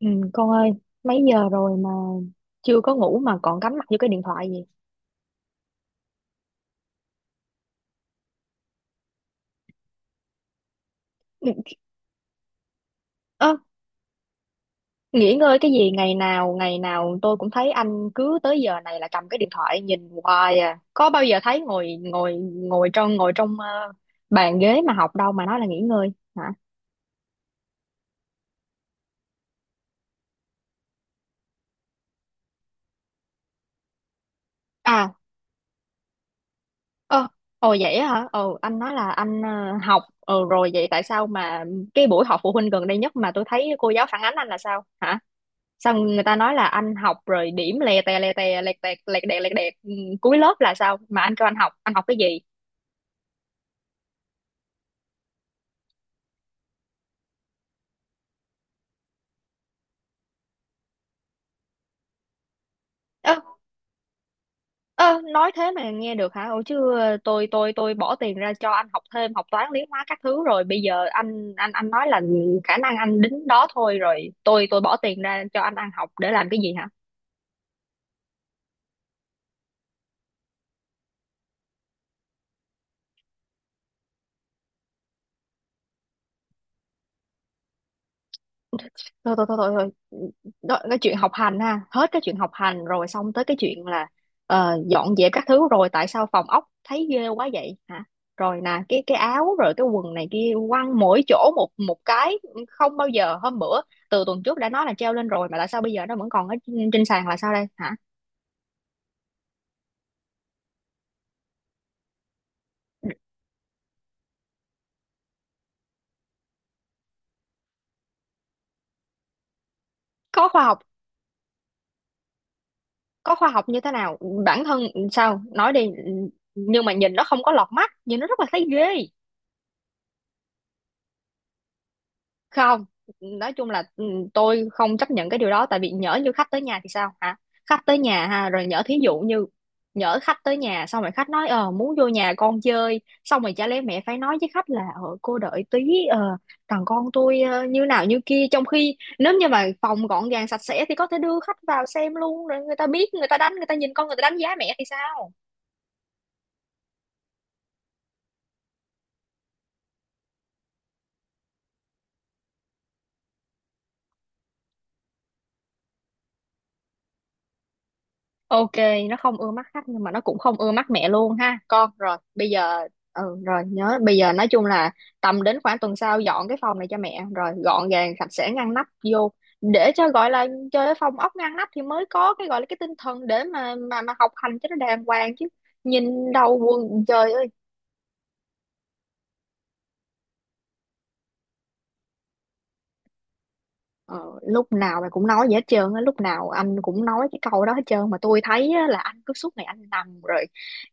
Ừ, con ơi, mấy giờ rồi mà chưa có ngủ mà còn cắm mặt vô cái điện thoại gì? Ừ, ơ, Nghỉ ngơi cái gì, ngày nào tôi cũng thấy anh cứ tới giờ này là cầm cái điện thoại nhìn hoài à. Có bao giờ thấy ngồi ngồi ngồi trong ờ, bàn ghế mà học đâu mà nói là nghỉ ngơi hả? À, ơ, Ồ vậy á hả? Ồ anh nói là anh học rồi vậy tại sao mà cái buổi họp phụ huynh gần đây nhất mà tôi thấy cô giáo phản ánh anh là sao hả? Xong người ta nói là anh học rồi điểm lè tè lè tè lè tè lè đẹt lè đẹt cuối lớp là sao mà anh kêu anh học cái gì? Ơ ơ Nói thế mà nghe được hả? Ủa chứ tôi bỏ tiền ra cho anh học thêm học toán lý hóa các thứ rồi bây giờ anh nói là khả năng anh đính đó thôi, rồi tôi bỏ tiền ra cho anh ăn học để làm cái gì hả? Thôi thôi thôi thôi thôi. Đó, cái chuyện học hành ha, hết cái chuyện học hành rồi xong tới cái chuyện là dọn dẹp các thứ, rồi tại sao phòng ốc thấy ghê quá vậy hả? Rồi nè, cái áo rồi cái quần này kia quăng mỗi chỗ một một cái, không bao giờ. Hôm bữa, từ tuần trước đã nói là treo lên rồi mà tại sao bây giờ nó vẫn còn ở trên trên sàn là sao đây hả? Có khoa học? Có khoa học như thế nào? Bản thân sao, nói đi. Nhưng mà nhìn nó không có lọt mắt, nhìn nó rất là thấy ghê. Không, nói chung là tôi không chấp nhận cái điều đó, tại vì nhỡ như khách tới nhà thì sao hả? Khách tới nhà ha, rồi nhỡ thí dụ như nhỡ khách tới nhà, xong rồi khách nói ờ muốn vô nhà con chơi, xong rồi chả lẽ mẹ phải nói với khách là ờ cô đợi tí, ờ thằng con tôi như nào như kia, trong khi nếu như mà phòng gọn gàng sạch sẽ thì có thể đưa khách vào xem luôn, rồi người ta biết, người ta đánh, người ta nhìn con, người ta đánh giá mẹ thì sao? Ok, nó không ưa mắt khách nhưng mà nó cũng không ưa mắt mẹ luôn ha con. Rồi, bây giờ ừ rồi nhớ, bây giờ nói chung là tầm đến khoảng tuần sau dọn cái phòng này cho mẹ, rồi gọn gàng sạch sẽ ngăn nắp vô, để cho gọi là chơi cái phòng ốc ngăn nắp thì mới có cái gọi là cái tinh thần để mà học hành cho nó đàng hoàng chứ. Nhìn đầu quần trời ơi. Ờ, lúc nào mày cũng nói vậy hết trơn á, lúc nào anh cũng nói cái câu đó hết trơn, mà tôi thấy á, là anh cứ suốt ngày anh nằm rồi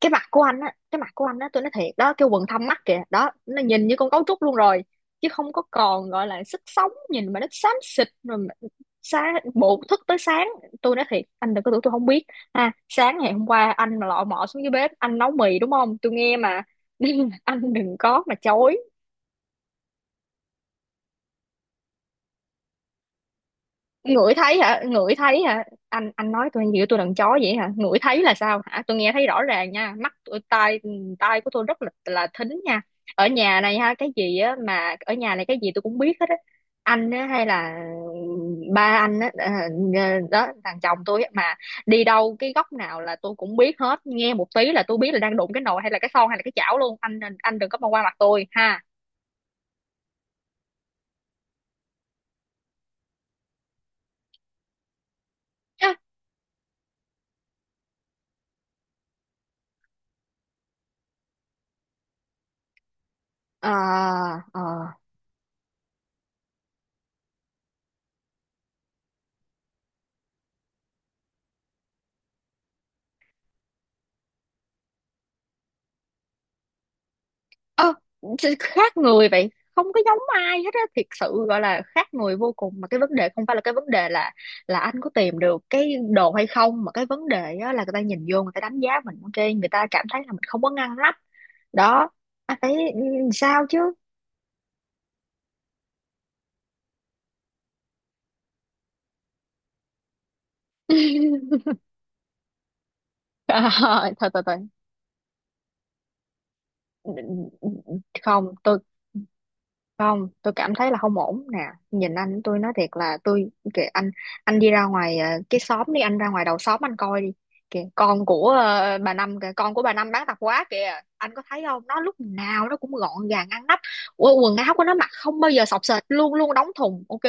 cái mặt của anh á cái mặt của anh á tôi nói thiệt đó, cái quầng thâm mắt kìa đó, nó nhìn như con cấu trúc luôn rồi, chứ không có còn gọi là sức sống, nhìn mà nó xám xịt rồi mà- sáng bộ thức tới sáng. Tôi nói thiệt, anh đừng có tưởng tôi không biết ha, sáng ngày hôm qua anh mà lọ mọ xuống dưới bếp anh nấu mì đúng không, tôi nghe mà nên là anh đừng có mà chối. Ngửi thấy hả? Ngửi thấy hả? Anh nói tôi như tôi đàn chó vậy hả? Ngửi thấy là sao hả? Tôi nghe thấy rõ ràng nha, mắt tôi, tai tai của tôi rất là thính nha. Ở nhà này ha, cái gì á mà ở nhà này cái gì tôi cũng biết hết á. Anh á, hay là ba anh á, đó, thằng chồng tôi á mà, đi đâu cái góc nào là tôi cũng biết hết, nghe một tí là tôi biết là đang đụng cái nồi hay là cái son hay là cái chảo luôn. Anh đừng có mà qua mặt tôi ha. Ờ, ờ. Ơ, Khác người vậy, không có giống ai hết á, thiệt sự gọi là khác người vô cùng. Mà cái vấn đề không phải, là cái vấn đề là anh có tìm được cái đồ hay không, mà cái vấn đề á là người ta nhìn vô, người ta đánh giá mình ok, người ta cảm thấy là mình không có ngăn nắp. Đó, anh thấy sao chứ? à, thôi thôi thôi Không, tôi không, tôi cảm thấy là không ổn nè. Nhìn anh, tôi nói thiệt là tôi kìa anh. Anh đi ra ngoài cái xóm đi, anh ra ngoài đầu xóm anh coi đi, kìa con của bà Năm kìa, con của bà Năm bán tạp hóa kìa, anh có thấy không, nó lúc nào nó cũng gọn gàng ngăn nắp. Ủa, quần áo của nó mặc không bao giờ xộc xệch, luôn luôn đóng thùng ok,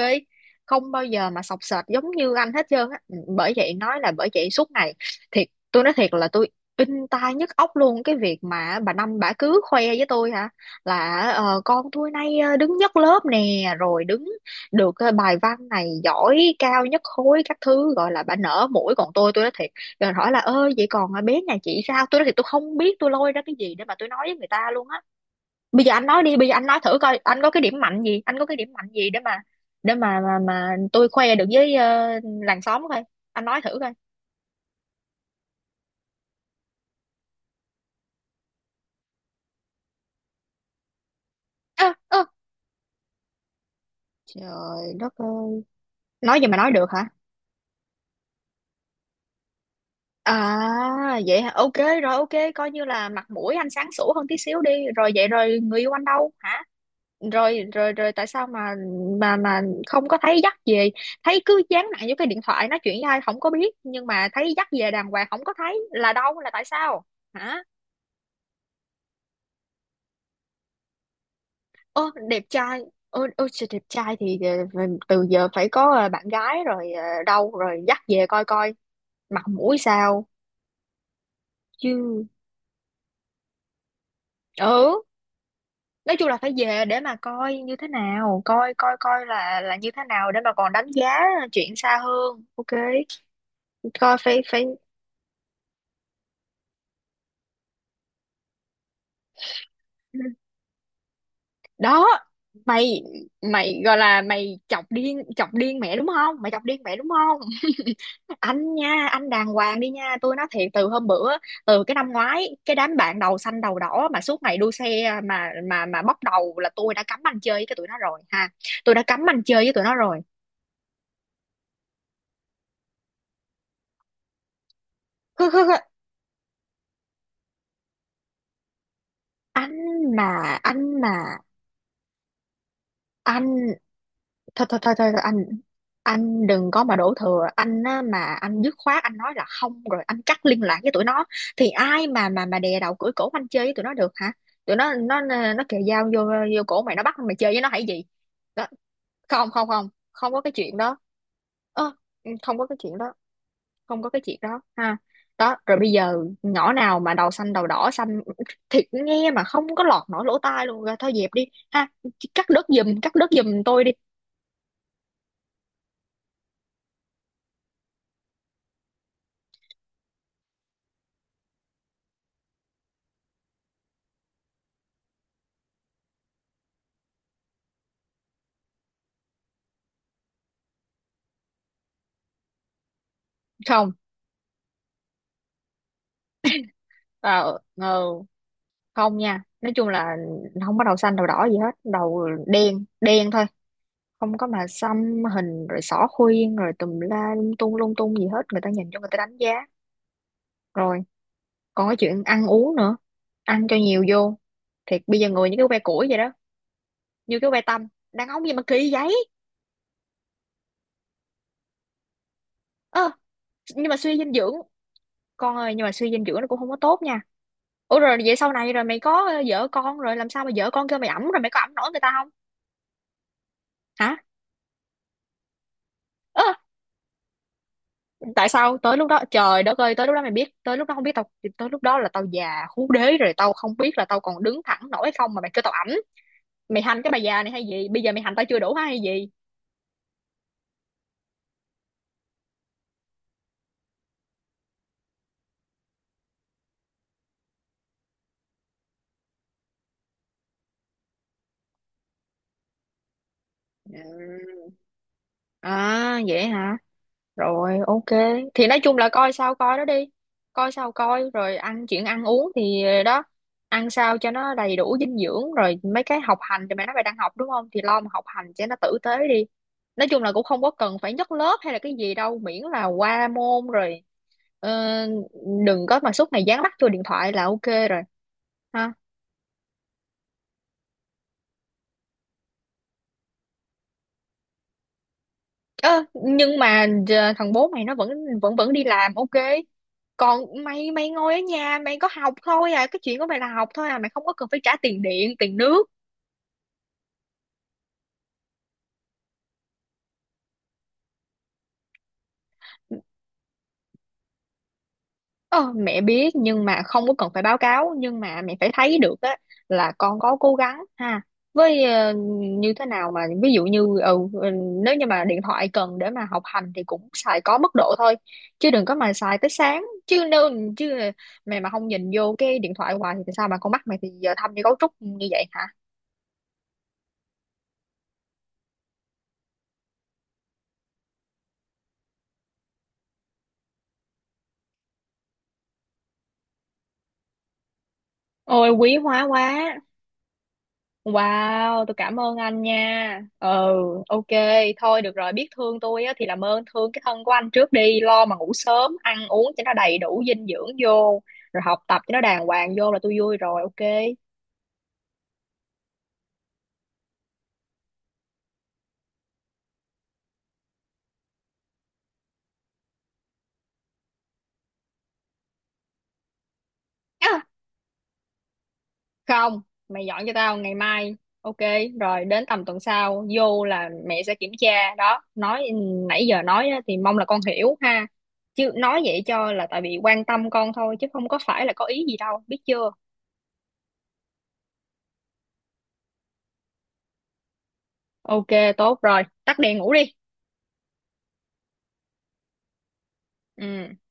không bao giờ mà xộc xệch giống như anh hết trơn á. Ừ, bởi vậy nói là bởi vậy suốt ngày, thiệt tôi nói thiệt là tôi in tai nhức óc luôn cái việc mà bà Năm bà cứ khoe với tôi hả, là con tôi nay đứng nhất lớp nè, rồi đứng được bài văn này giỏi cao nhất khối các thứ, gọi là bà nở mũi, còn tôi nói thiệt, rồi hỏi là ơ vậy còn bé nhà chị sao, tôi nói thiệt tôi không biết tôi lôi ra cái gì để mà tôi nói với người ta luôn á. Bây giờ anh nói đi, bây giờ anh nói thử coi anh có cái điểm mạnh gì, anh có cái điểm mạnh gì để mà tôi khoe được với làng xóm coi, anh nói thử coi. Ơ ơ Trời đất ơi, nói gì mà nói được hả? À vậy hả? Ok, rồi ok, coi như là mặt mũi anh sáng sủa hơn tí xíu đi. Rồi vậy rồi người yêu anh đâu hả? Rồi rồi rồi Tại sao mà mà mà không có thấy dắt về, thấy cứ dán nặng vô cái điện thoại nói chuyện với ai không có biết, nhưng mà thấy dắt về đàng hoàng không có thấy là đâu, là tại sao hả? Ô đẹp trai, ô ô trời, đẹp trai thì ờ, từ giờ phải có bạn gái, rồi ờ, đâu rồi dắt về coi coi mặt mũi sao chứ. Ừ, nói chung là phải về để mà coi như thế nào, coi coi coi là như thế nào để mà còn đánh giá chuyện xa hơn ok, coi phải phải ừ, đó. Mày mày gọi là mày chọc điên, chọc điên mẹ đúng không, mày chọc điên mẹ đúng không? Anh nha, anh đàng hoàng đi nha, tôi nói thiệt, từ hôm bữa, từ cái năm ngoái cái đám bạn đầu xanh đầu đỏ mà suốt ngày đua xe mà bóc đầu là tôi đã cấm anh chơi với cái tụi nó rồi ha, tôi đã cấm anh chơi với tụi nó rồi. anh mà anh mà anh thôi thôi thôi thôi thôi, anh đừng có mà đổ thừa anh á, mà anh dứt khoát anh nói là không, rồi anh cắt liên lạc với tụi nó thì ai mà đè đầu cưỡi cổ anh chơi với tụi nó được hả? Tụi nó, nó kề dao vô vô cổ mày, nó bắt mày chơi với nó hay gì? Đó. Không không không Không có cái chuyện đó. Ơ, không có cái chuyện đó, không có cái chuyện đó ha. Đó, rồi bây giờ nhỏ nào mà đầu xanh đầu đỏ xanh, thiệt nghe mà không có lọt nổi lỗ tai luôn, rồi thôi dẹp đi ha, cắt đứt giùm, cắt đứt giùm tôi đi. Không, tao ờ, không nha, nói chung là không có đầu xanh đầu đỏ gì hết, đầu đen đen thôi, không có mà xăm hình rồi xỏ khuyên rồi tùm la lung tung gì hết, người ta nhìn cho người ta đánh giá. Rồi còn cái chuyện ăn uống nữa, ăn cho nhiều vô, thiệt bây giờ người như cái que củi vậy đó, như cái que tăm, đàn ông gì mà kỳ vậy. ơ nhưng mà suy dinh dưỡng, con ơi, nhưng mà suy dinh dưỡng nó cũng không có tốt nha. Ủa rồi vậy sau này rồi mày có vợ con rồi làm sao mà vợ con kêu mày ẵm, rồi mày có ẵm nổi người ta không hả? Ơ, tại sao tới lúc đó, trời đất ơi, tới lúc đó mày biết, tới lúc đó không biết tao, tới lúc đó là tao già hú đế rồi, tao không biết là tao còn đứng thẳng nổi hay không mà mày kêu tao ẩm. Mày hành cái bà già này hay gì, bây giờ mày hành tao chưa đủ hả hay gì? Ừ. À vậy hả? Rồi ok, thì nói chung là coi sao coi đó đi, coi sao coi, rồi ăn, chuyện ăn uống thì đó, ăn sao cho nó đầy đủ dinh dưỡng. Rồi mấy cái học hành thì mày nói mày đang học đúng không, thì lo mà học hành cho nó tử tế đi, nói chung là cũng không có cần phải nhất lớp hay là cái gì đâu, miễn là qua môn rồi. Ờ, đừng có mà suốt ngày dán mắt vô điện thoại là ok. Rồi ha. Ơ, nhưng mà giờ thằng bố mày nó vẫn vẫn vẫn đi làm ok, còn mày, mày ngồi ở nhà mày có học thôi à, cái chuyện của mày là học thôi à, mày không có cần phải trả tiền điện tiền nước. Ờ, mẹ biết nhưng mà không có cần phải báo cáo, nhưng mà mẹ phải thấy được á là con có cố gắng ha, với như thế nào mà ví dụ như nếu như mà điện thoại cần để mà học hành thì cũng xài có mức độ thôi, chứ đừng có mà xài tới sáng. Nếu chứ mày mà không nhìn vô cái điện thoại hoài thì sao mà con mắt mày thì giờ thâm như cấu trúc như vậy hả? Ôi quý hóa quá. Wow, tôi cảm ơn anh nha. Ừ, ok, thôi được rồi, biết thương tôi á, thì làm ơn thương cái thân của anh trước đi, lo mà ngủ sớm, ăn uống cho nó đầy đủ dinh dưỡng vô, rồi học tập cho nó đàng hoàng vô là tôi vui rồi, ok. À, không, mày dọn cho tao ngày mai, ok, rồi đến tầm tuần sau, vô là mẹ sẽ kiểm tra, đó, nói nãy giờ nói á, thì mong là con hiểu ha. Chứ nói vậy cho là tại vì quan tâm con thôi, chứ không có phải là có ý gì đâu, biết chưa? Ok, tốt rồi, tắt đèn ngủ đi. Ừ.